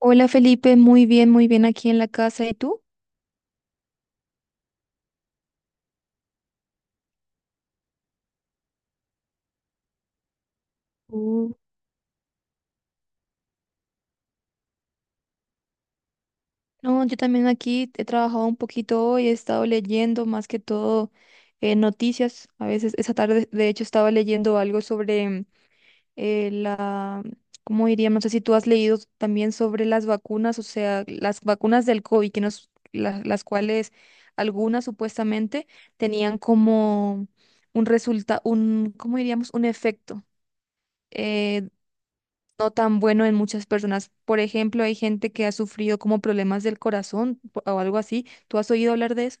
Hola Felipe, muy bien aquí en la casa. ¿Y tú? Mm. No, yo también aquí he trabajado un poquito hoy, he estado leyendo más que todo noticias. A veces esa tarde, de hecho, estaba leyendo algo sobre la, ¿cómo diría? No sé si tú has leído también sobre las vacunas, o sea, las vacunas del COVID, que nos, las cuales algunas supuestamente tenían como un resultado, un, ¿cómo diríamos? Un efecto. eh, no tan bueno en muchas personas. Por ejemplo, hay gente que ha sufrido como problemas del corazón o algo así. ¿Tú has oído hablar de eso?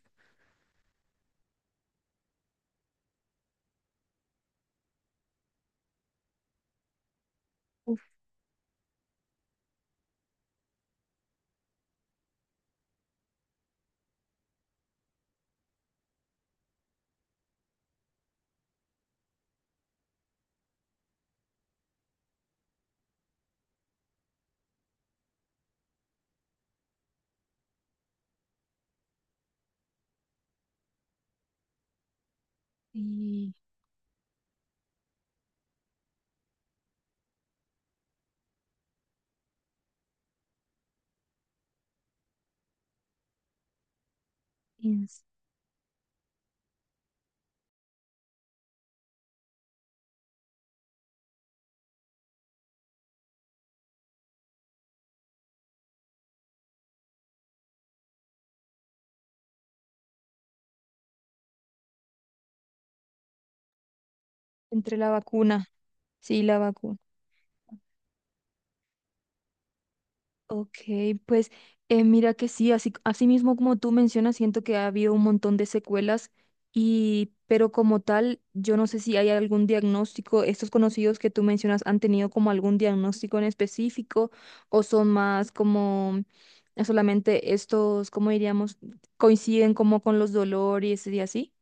Uf. y en- Entre la vacuna. Sí, la vacuna. Ok, pues mira que sí, así, así mismo como tú mencionas, siento que ha habido un montón de secuelas y, pero como tal, yo no sé si hay algún diagnóstico, estos conocidos que tú mencionas han tenido como algún diagnóstico en específico o son más como solamente estos, ¿cómo diríamos? Coinciden como con los dolores y así.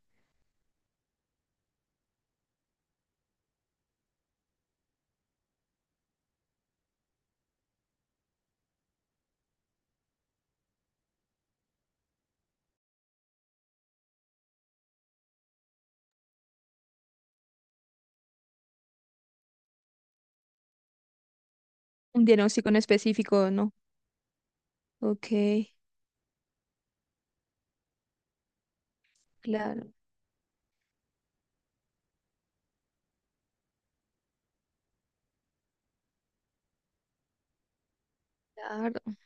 Un diagnóstico en específico, ¿no? Ok, claro, claro.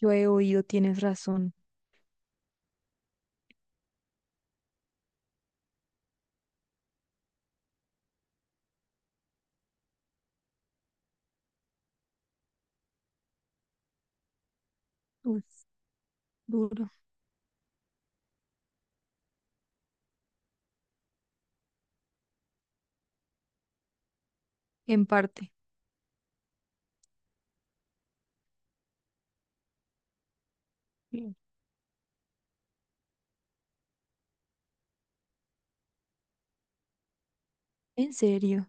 Yo he oído, tienes razón. Uf, duro, en parte. En serio.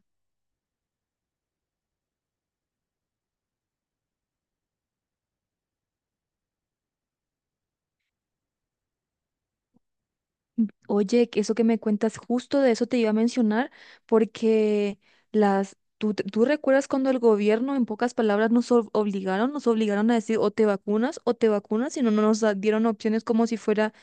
Oye, que eso que me cuentas, justo de eso te iba a mencionar, porque las, ¿tú, tú recuerdas cuando el gobierno, en pocas palabras, nos obligaron a decir o te vacunas, y no nos dieron opciones como si fuera,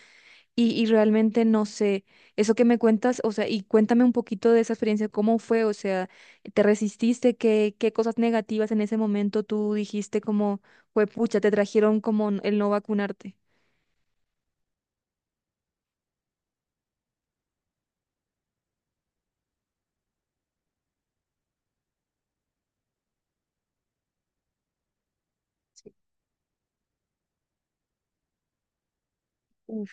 y realmente no sé, eso que me cuentas, o sea, y cuéntame un poquito de esa experiencia, ¿cómo fue? O sea, ¿te resististe? ¿Qué, qué cosas negativas en ese momento tú dijiste como, fue pucha, te trajeron como el no vacunarte? Uf,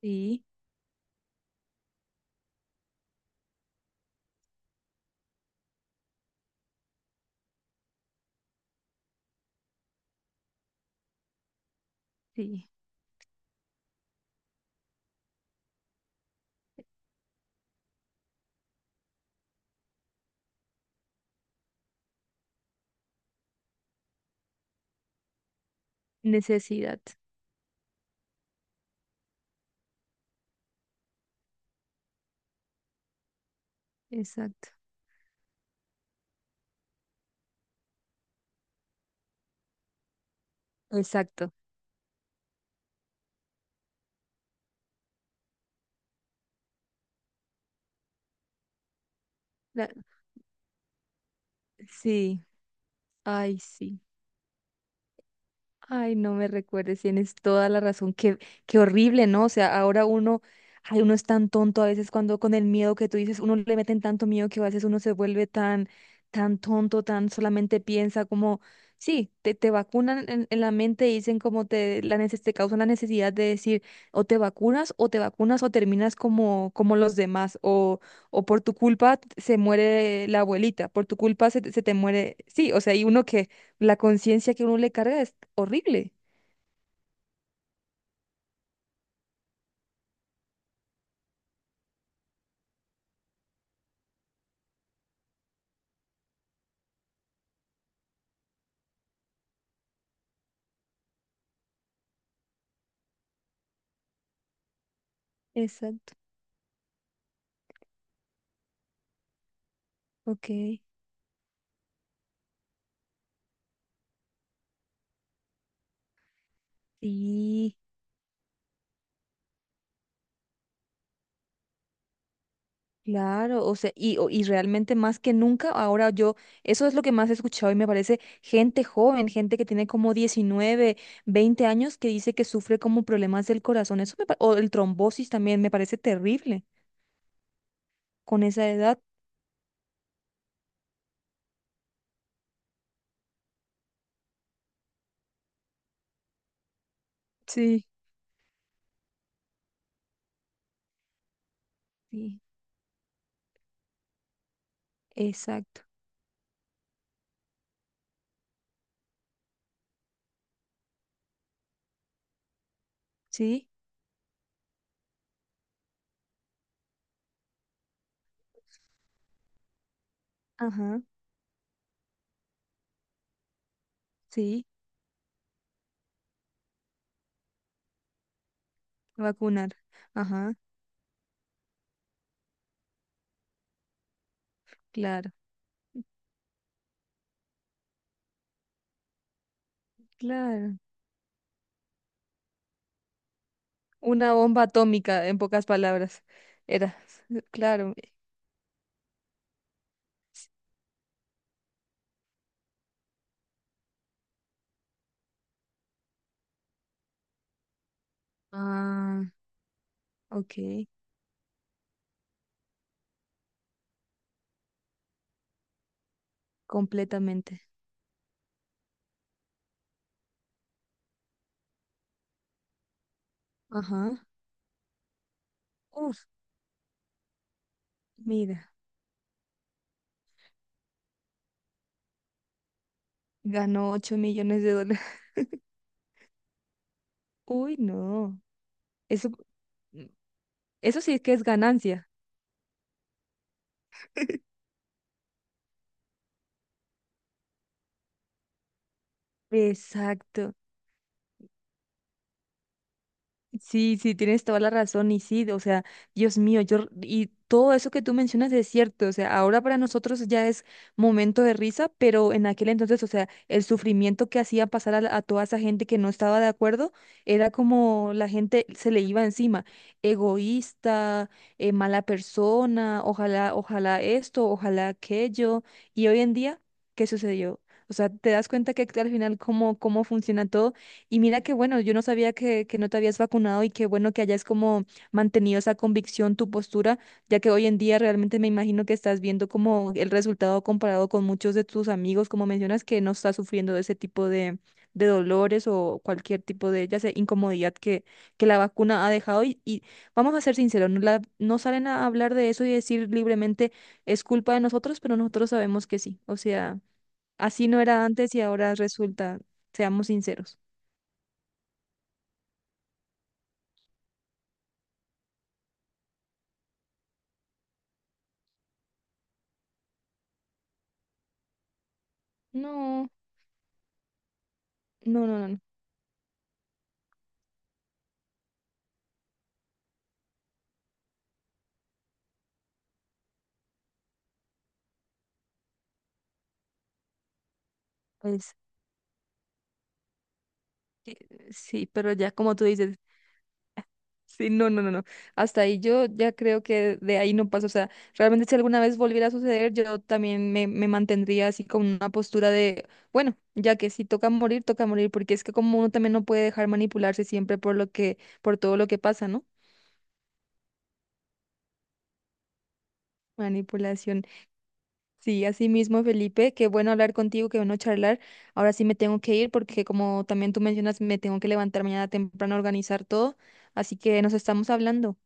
sí, sí. Necesidad. Exacto. Exacto. La- sí. Ay, sí. Ay, no me recuerdes, tienes toda la razón. Qué, qué horrible, ¿no? O sea, ahora uno, ay, uno es tan tonto a veces cuando con el miedo que tú dices, uno le meten tanto miedo que a veces uno se vuelve tan, tan tonto, tan solamente piensa como, sí, te vacunan en, la mente y dicen como te, la te causan la necesidad de decir, o te vacunas, o te vacunas, o terminas como, como los demás, o por tu culpa se muere la abuelita, por tu culpa se te muere, sí, o sea, hay uno que la conciencia que uno le carga es horrible. Exacto. Ok. Sí, claro, o sea, y, o- y realmente más que nunca, ahora yo, eso es lo que más he escuchado y me parece gente joven, gente que tiene como 19 20 años que dice que sufre como problemas del corazón, eso me, o el trombosis también me parece terrible con esa edad. Sí. Sí, exacto, sí, ajá, sí, vacunar, ajá, claro, claro. Una bomba atómica, en pocas palabras. Era, claro. Ah, ok, completamente. Ajá. Uf, mira, ganó $8 millones. Uy, no. Eso, eso sí que es ganancia. Exacto. Sí, sí, tienes toda la razón y sí, o sea, Dios mío, yo y todo eso que tú mencionas es cierto, o sea, ahora para nosotros ya es momento de risa, pero en aquel entonces, o sea, el sufrimiento que hacía pasar a, a toda esa gente que no estaba de acuerdo era como la gente se le iba encima, egoísta, mala persona, ojalá, ojalá esto, ojalá aquello, y hoy en día, ¿qué sucedió? O sea, te das cuenta que al final cómo funciona todo. Y mira que bueno, yo no sabía que no te habías vacunado y qué bueno que hayas como mantenido esa convicción, tu postura, ya que hoy en día realmente me imagino que estás viendo como el resultado comparado con muchos de tus amigos, como mencionas, que no estás sufriendo de ese tipo de, dolores o cualquier tipo de, ya sea, incomodidad que la vacuna ha dejado. Y vamos a ser sinceros, no, no salen a hablar de eso y decir libremente es culpa de nosotros, pero nosotros sabemos que sí. O sea, así no era antes y ahora resulta, seamos sinceros. No, no, no, no, no. Pues sí, pero ya como tú dices, sí, no, no, no, no. Hasta ahí yo ya creo que de ahí no pasa. O sea, realmente si alguna vez volviera a suceder, yo también me mantendría así con una postura de, bueno, ya que si toca morir, toca morir, porque es que como uno también no puede dejar manipularse siempre por lo que, por todo lo que pasa, ¿no? Manipulación. Sí, así mismo, Felipe, qué bueno hablar contigo, qué bueno charlar. Ahora sí me tengo que ir porque como también tú mencionas, me tengo que levantar mañana temprano a organizar todo, así que nos estamos hablando.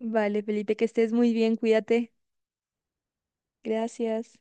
Vale, Felipe, que estés muy bien, cuídate. Gracias.